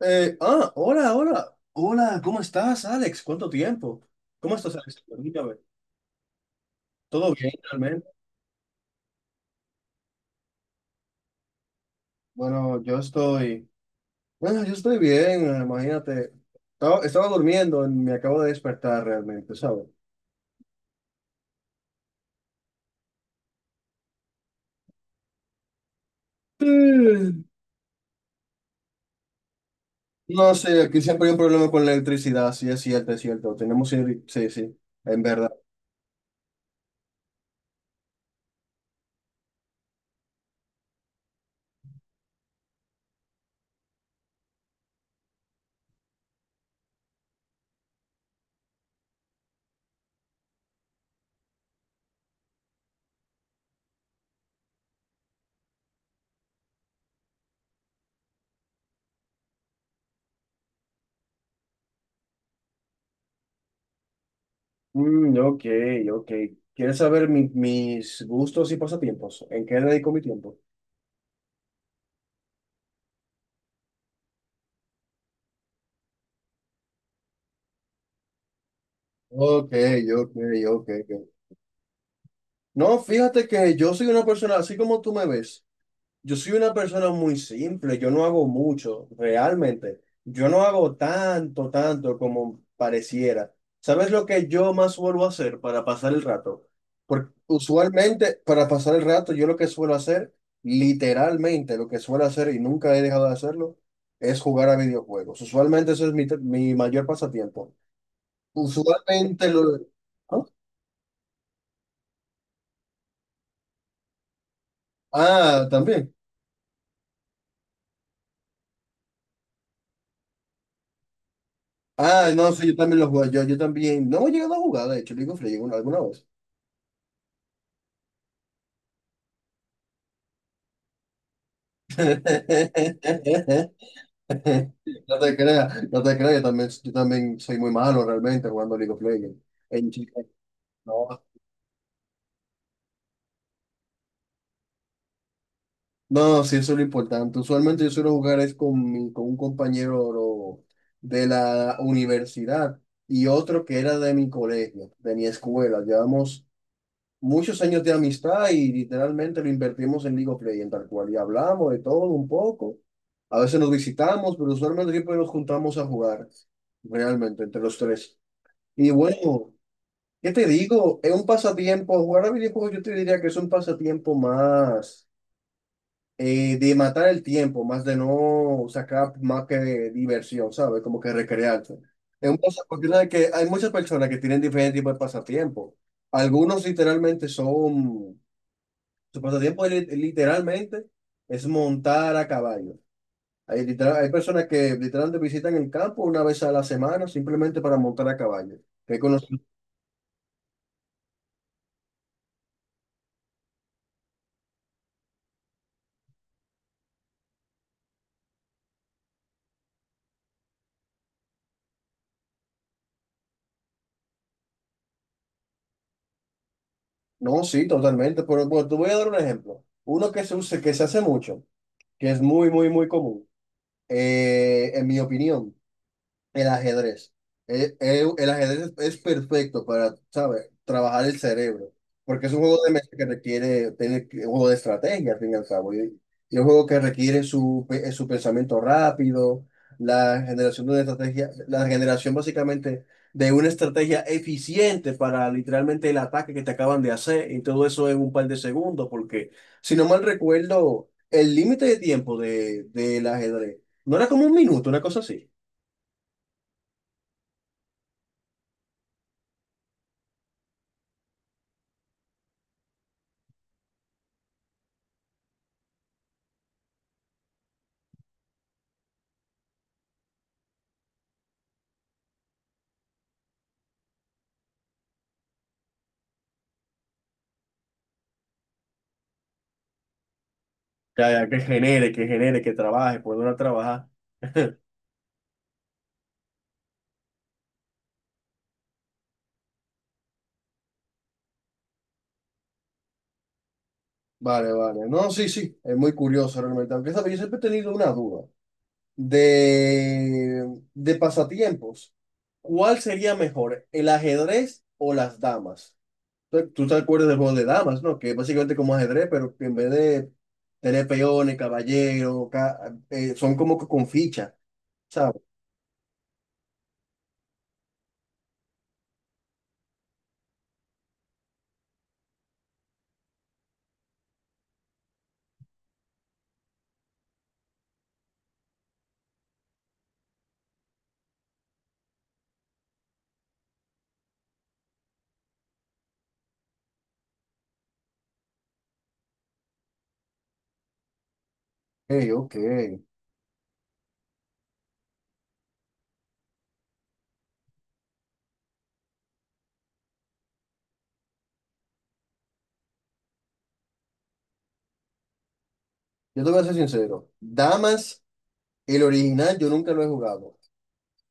Hola, ¿cómo estás, Alex? ¿Cuánto tiempo? ¿Cómo estás, Alex? Permítame. ¿Todo bien, realmente? Bueno, yo estoy... Bueno, yo estoy bien, imagínate. Estaba durmiendo y me acabo de despertar realmente, ¿sabes? Mm. No sé, aquí siempre hay un problema con la electricidad, sí, es cierto, es cierto. Sí, sí, en verdad. Mm, ok, ok. ¿Quieres saber mis gustos y pasatiempos? ¿En qué dedico mi tiempo? Ok, ok, ok. Ok. No, fíjate que yo soy una persona, así como tú me ves, yo soy una persona muy simple, yo no hago mucho, realmente. Yo no hago tanto, tanto como pareciera. ¿Sabes lo que yo más suelo hacer para pasar el rato? Porque usualmente para pasar el rato yo lo que suelo hacer, literalmente lo que suelo hacer y nunca he dejado de hacerlo, es jugar a videojuegos. Usualmente eso es mi mayor pasatiempo. Usualmente lo... ¿Ah? Ah, también. Ah, no, sí, yo también lo jugué, yo también, no he llegado a jugar, de hecho, League of Legends una- alguna vez. No te creas, no te creas, yo también soy muy malo realmente jugando League of Legends. En chica, no. No, sí, eso es lo importante. Usualmente yo suelo jugar es con un compañero de la universidad y otro que era de mi colegio, de mi escuela. Llevamos muchos años de amistad y literalmente lo invertimos en League of Legends, tal cual. Y hablamos de todo un poco. A veces nos visitamos, pero usualmente siempre nos juntamos a jugar, realmente, entre los tres. Y bueno, ¿qué te digo? Es un pasatiempo, jugar a videojuegos yo te diría que es un pasatiempo más de matar el tiempo, más de no sacar más que diversión, ¿sabes? Como que recrearte. Es un pasatiempo que hay muchas personas que tienen diferentes tipos de pasatiempo. Algunos literalmente son su pasatiempo es li- literalmente es montar a caballo. Hay personas que literalmente visitan el campo una vez a la semana simplemente para montar a caballo. Que he No, sí, totalmente. Pero bueno, te voy a dar un ejemplo. Uno que se usa, que se hace mucho, que es muy, muy, muy común, en mi opinión. El ajedrez. El ajedrez es perfecto para, ¿sabes? Trabajar el cerebro. Porque es un juego de mesa que un juego de estrategia, al fin y al cabo. Y un juego que requiere su pensamiento rápido, la generación de una estrategia, la generación básicamente de una estrategia eficiente para literalmente el ataque que te acaban de hacer. Y todo eso en un par de segundos. Porque, si no mal recuerdo, el límite de tiempo de, del ajedrez no era como un minuto, una cosa así. Ya, ya, que genere, que genere, que trabaje, poner a trabajar. Vale, vale. No, sí, sí, es muy curioso realmente. Aunque, ¿sabes? Yo siempre he tenido una duda de pasatiempos. ¿Cuál sería mejor, el ajedrez o las damas? Tú te acuerdas del juego de damas, ¿no? Que es básicamente como ajedrez, pero que en vez de tener peones, son como que con ficha, ¿sabes? Ok, ok. Yo te voy a ser sincero. Damas, el original, yo nunca lo he jugado.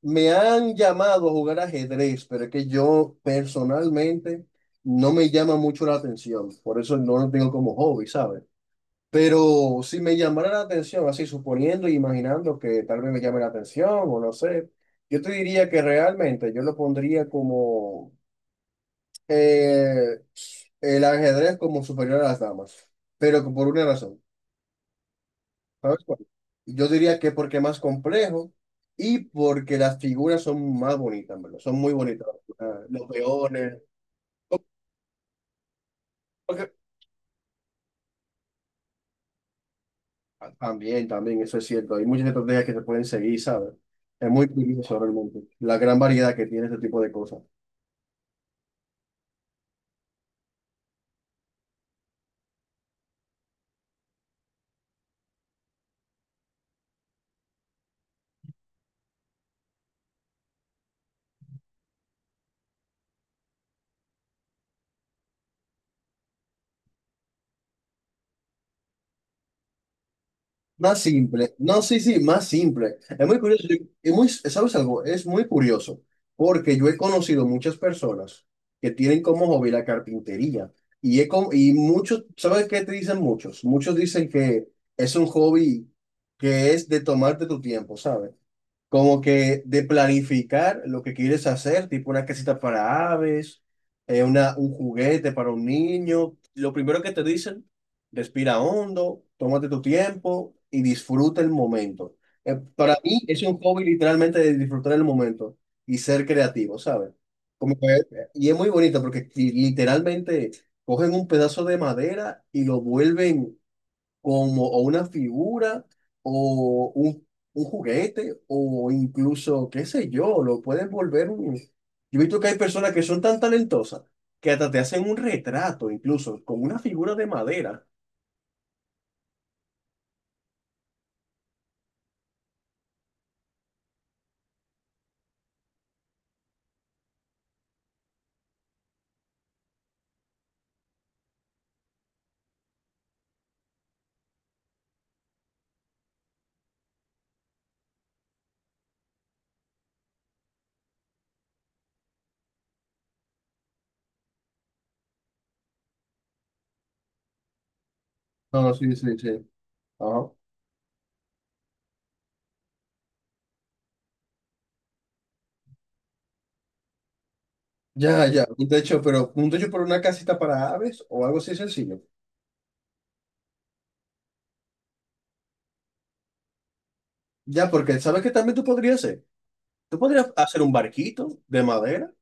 Me han llamado a jugar ajedrez, pero es que yo personalmente no me llama mucho la atención, por eso no lo tengo como hobby, ¿sabes? Pero si me llamara la atención, así suponiendo e imaginando que tal vez me llame la atención o no sé, yo te diría que realmente yo lo pondría como eh, el ajedrez como superior a las damas, pero por una razón. ¿Sabes cuál? Yo diría que porque es más complejo y porque las figuras son más bonitas, ¿en verdad? Son muy bonitas. Ah, los peones. porque- También, también, eso es cierto. Hay muchas estrategias que se pueden seguir, ¿sabes? Es muy curioso realmente la gran variedad que tiene este tipo de cosas. Más simple. No, sí, sí, más simple. Es muy, ¿sabes algo? Es muy curioso porque yo he conocido muchas personas que tienen como hobby la carpintería y muchos, ¿sabes qué te dicen muchos? Muchos dicen que es un hobby que es de tomarte tu tiempo, ¿sabes? Como que de planificar lo que quieres hacer, tipo una casita para aves, un juguete para un niño. Lo primero que te dicen, respira hondo, tómate tu tiempo y disfruta el momento. Para mí es un hobby literalmente de disfrutar el momento y ser creativo, ¿sabes? Y es muy bonito porque literalmente cogen un pedazo de madera y lo vuelven como o una figura o un juguete o incluso, qué sé yo, lo pueden volver un... Yo he visto que hay personas que son tan talentosas que hasta te hacen un retrato, incluso con una figura de madera. No, no, sí, sí, sí. Ajá. Ya, ya, un techo, pero un techo por una casita para aves o algo así sencillo. Ya, porque ¿sabes que también tú podrías hacer? Tú podrías hacer un barquito de madera.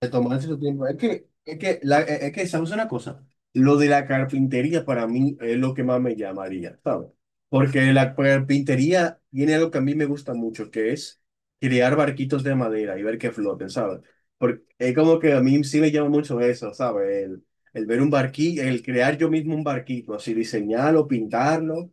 De tomarse su tiempo. Es que, ¿sabes una cosa? Lo de la carpintería para mí es lo que más me llamaría, ¿sabes? Porque la carpintería tiene algo que a mí me gusta mucho, que es crear barquitos de madera y ver que floten, ¿sabes? Porque es como que a mí sí me llama mucho eso, ¿sabes? El ver un barquillo, el crear yo mismo un barquito, así diseñarlo, pintarlo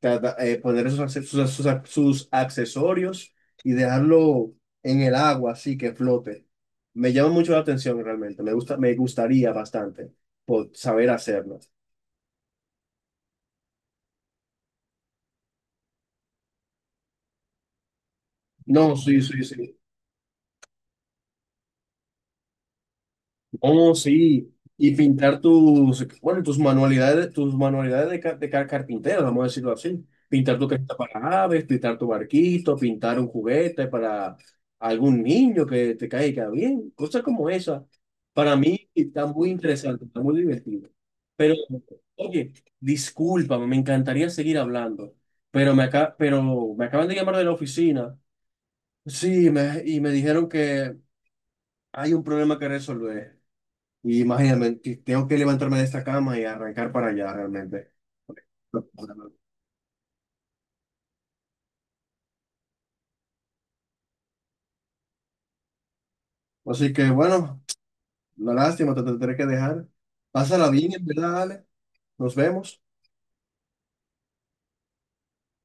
cada- eh, poner sus, acce- sus, sus ac- sus accesorios y dejarlo en el agua, así que flote. Me llama mucho la atención realmente, me gusta, me gustaría bastante por saber hacerlo. No, sí, sí, sí. Oh, sí. Y pintar tus, bueno, tus manualidades, tus manualidades de carpintero, vamos a decirlo así. Pintar tu casita para aves, pintar tu barquito, pintar un juguete para algún niño que te caiga bien, cosas como esa. Para mí está muy interesante, está muy divertido. Pero, oye, discúlpame, me encantaría seguir hablando, pero pero me acaban de llamar de la oficina. Sí, y me dijeron que hay un problema que resolver. Y imagínate, que tengo que levantarme de esta cama y arrancar para allá realmente. Así que bueno, una lástima, te tendré que dejar. Pásala bien, en verdad, Ale. Nos vemos.